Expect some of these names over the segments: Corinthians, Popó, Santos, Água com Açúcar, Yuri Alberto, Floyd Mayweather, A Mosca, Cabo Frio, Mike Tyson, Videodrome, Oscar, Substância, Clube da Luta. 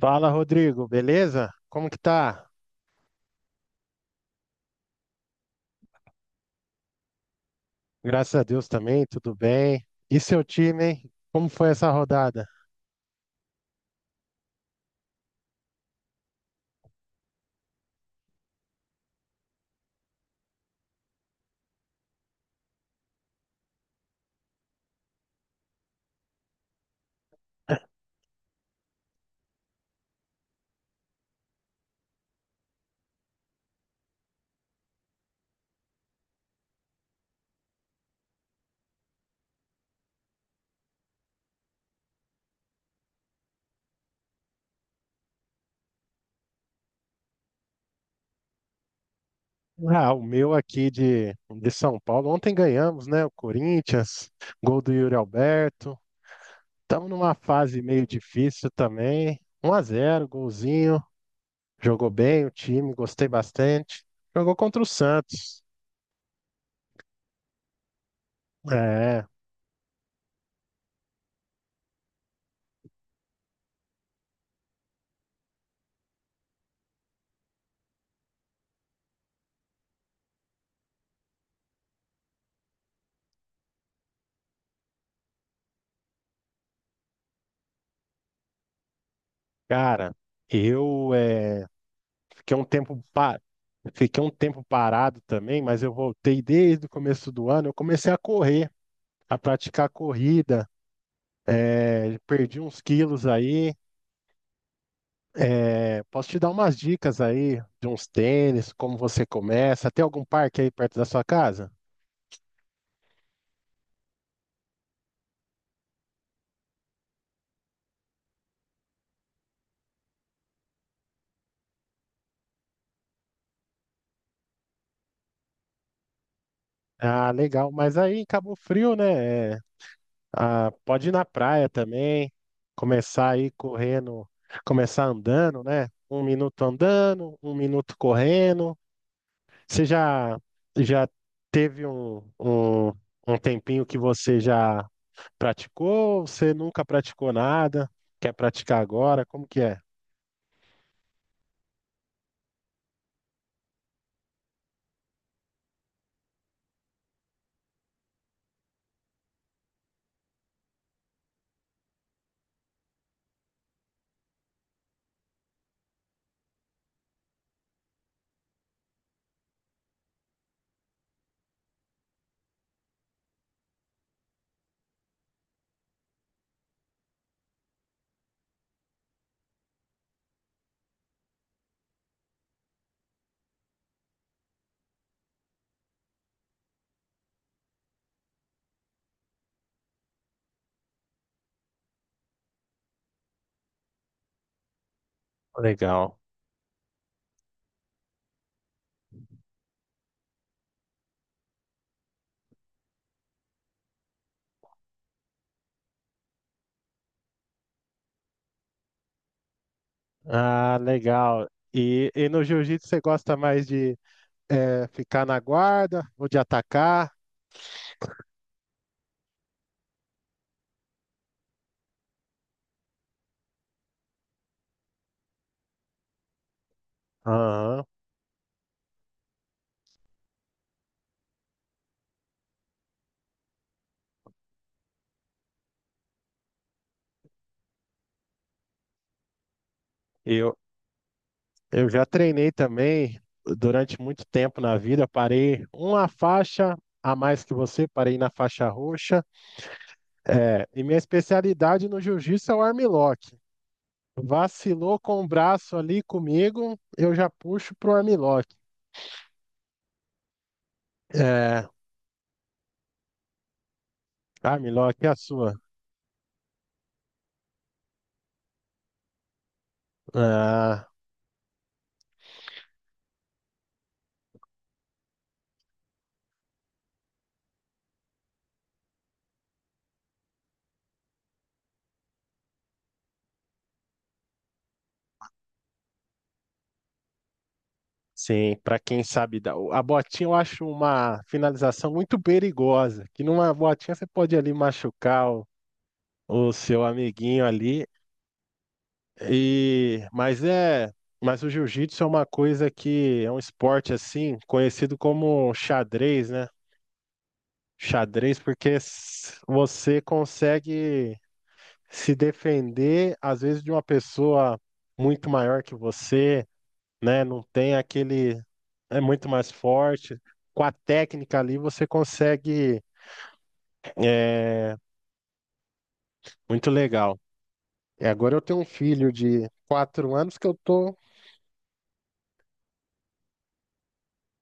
Fala, Rodrigo, beleza? Como que tá? Graças a Deus também, tudo bem. E seu time, hein? Como foi essa rodada? Ah, o meu aqui de São Paulo. Ontem ganhamos, né? O Corinthians, gol do Yuri Alberto. Estamos numa fase meio difícil também. 1-0, golzinho. Jogou bem o time, gostei bastante. Jogou contra o Santos. É, cara, eu Fiquei um tempo, pa- Fiquei um tempo parado também, mas eu voltei desde o começo do ano. Eu comecei a correr, a praticar corrida, perdi uns quilos aí. Posso te dar umas dicas aí de uns tênis, como você começa? Tem algum parque aí perto da sua casa? Ah, legal. Mas aí em Cabo Frio, né? Ah, pode ir na praia também, começar aí correndo, começar andando, né? Um minuto andando, um minuto correndo. Você já teve um tempinho que você já praticou ou você nunca praticou nada? Quer praticar agora? Como que é? Legal. Ah, legal. E no jiu-jitsu você gosta mais de ficar na guarda ou de atacar? Aham. Eu, eu já treinei também durante muito tempo na vida. Parei uma faixa a mais que você, parei na faixa roxa. É, e minha especialidade no jiu-jitsu é o armlock. Vacilou com o braço ali comigo, eu já puxo pro armlock. É, armlock é a sua. Ah, sim, pra quem sabe dar. A botinha eu acho uma finalização muito perigosa, que numa botinha você pode ali machucar o seu amiguinho ali. E mas é, mas o jiu-jitsu é uma coisa que é um esporte assim, conhecido como xadrez, né? Xadrez porque você consegue se defender, às vezes, de uma pessoa muito maior que você, né? Não tem aquele. É muito mais forte. Com a técnica ali, você consegue. É, muito legal. E agora eu tenho um filho de 4 anos que eu tô.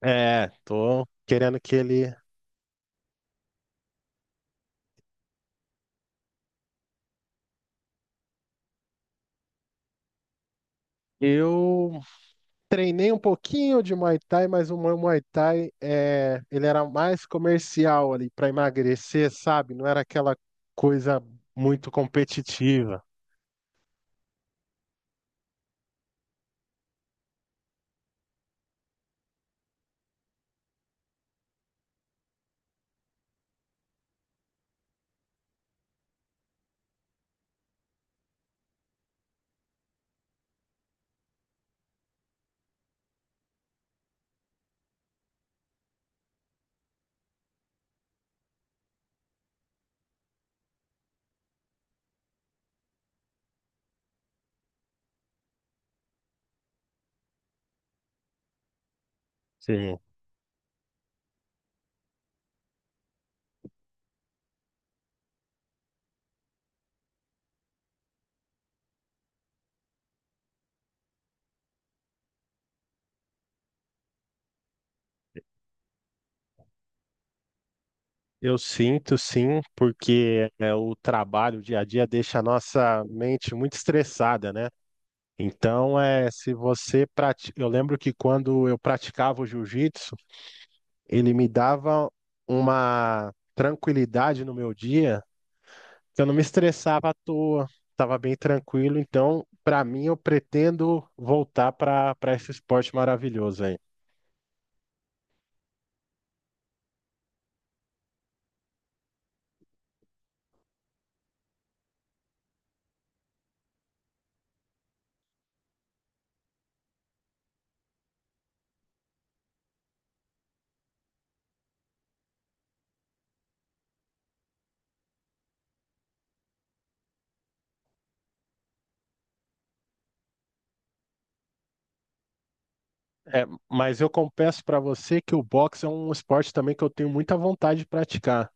É, tô querendo que ele. Eu treinei um pouquinho de Muay Thai, mas o meu Muay Thai é, ele era mais comercial ali para emagrecer, sabe? Não era aquela coisa muito competitiva. Sim, eu sinto sim, porque é, o trabalho, o dia a dia deixa a nossa mente muito estressada, né? Então, é, se você pratica, eu lembro que quando eu praticava o jiu-jitsu, ele me dava uma tranquilidade no meu dia, que eu não me estressava à toa, estava bem tranquilo. Então, para mim, eu pretendo voltar para esse esporte maravilhoso aí. É, mas eu confesso para você que o boxe é um esporte também que eu tenho muita vontade de praticar.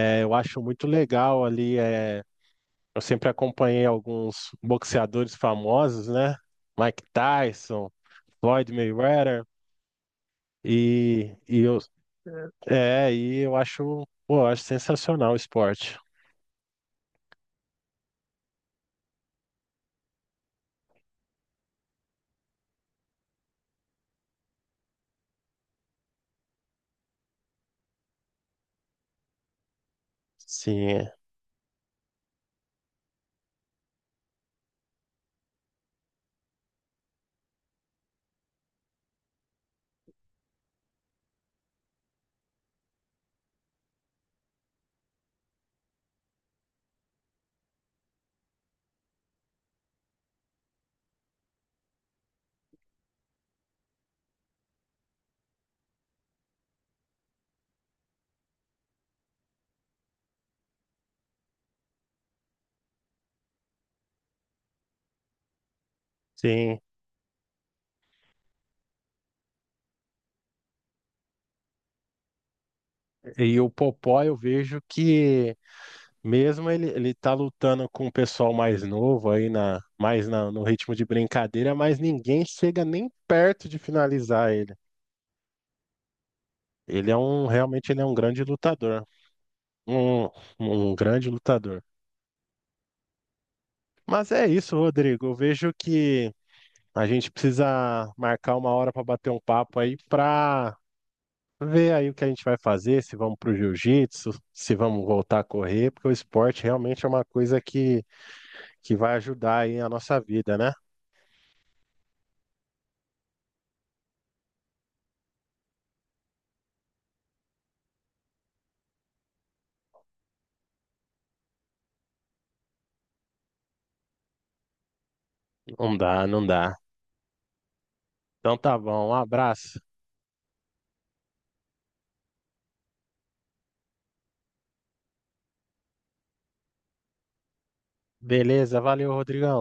É, eu acho muito legal ali. É... Eu sempre acompanhei alguns boxeadores famosos, né? Mike Tyson, Floyd Mayweather. E, e eu, e eu acho, pô, eu acho sensacional o esporte. Sim, é, sim. E o Popó eu vejo que mesmo ele, ele tá lutando com o pessoal mais novo aí mais no ritmo de brincadeira, mas ninguém chega nem perto de finalizar ele. Ele é um, realmente ele é um grande lutador. Um, um grande lutador. Mas é isso, Rodrigo. Eu vejo que a gente precisa marcar uma hora para bater um papo aí para ver aí o que a gente vai fazer, se vamos para o jiu-jitsu, se vamos voltar a correr, porque o esporte realmente é uma coisa que vai ajudar aí a nossa vida, né? Não dá, não dá. Então tá bom, um abraço. Beleza, valeu, Rodrigão.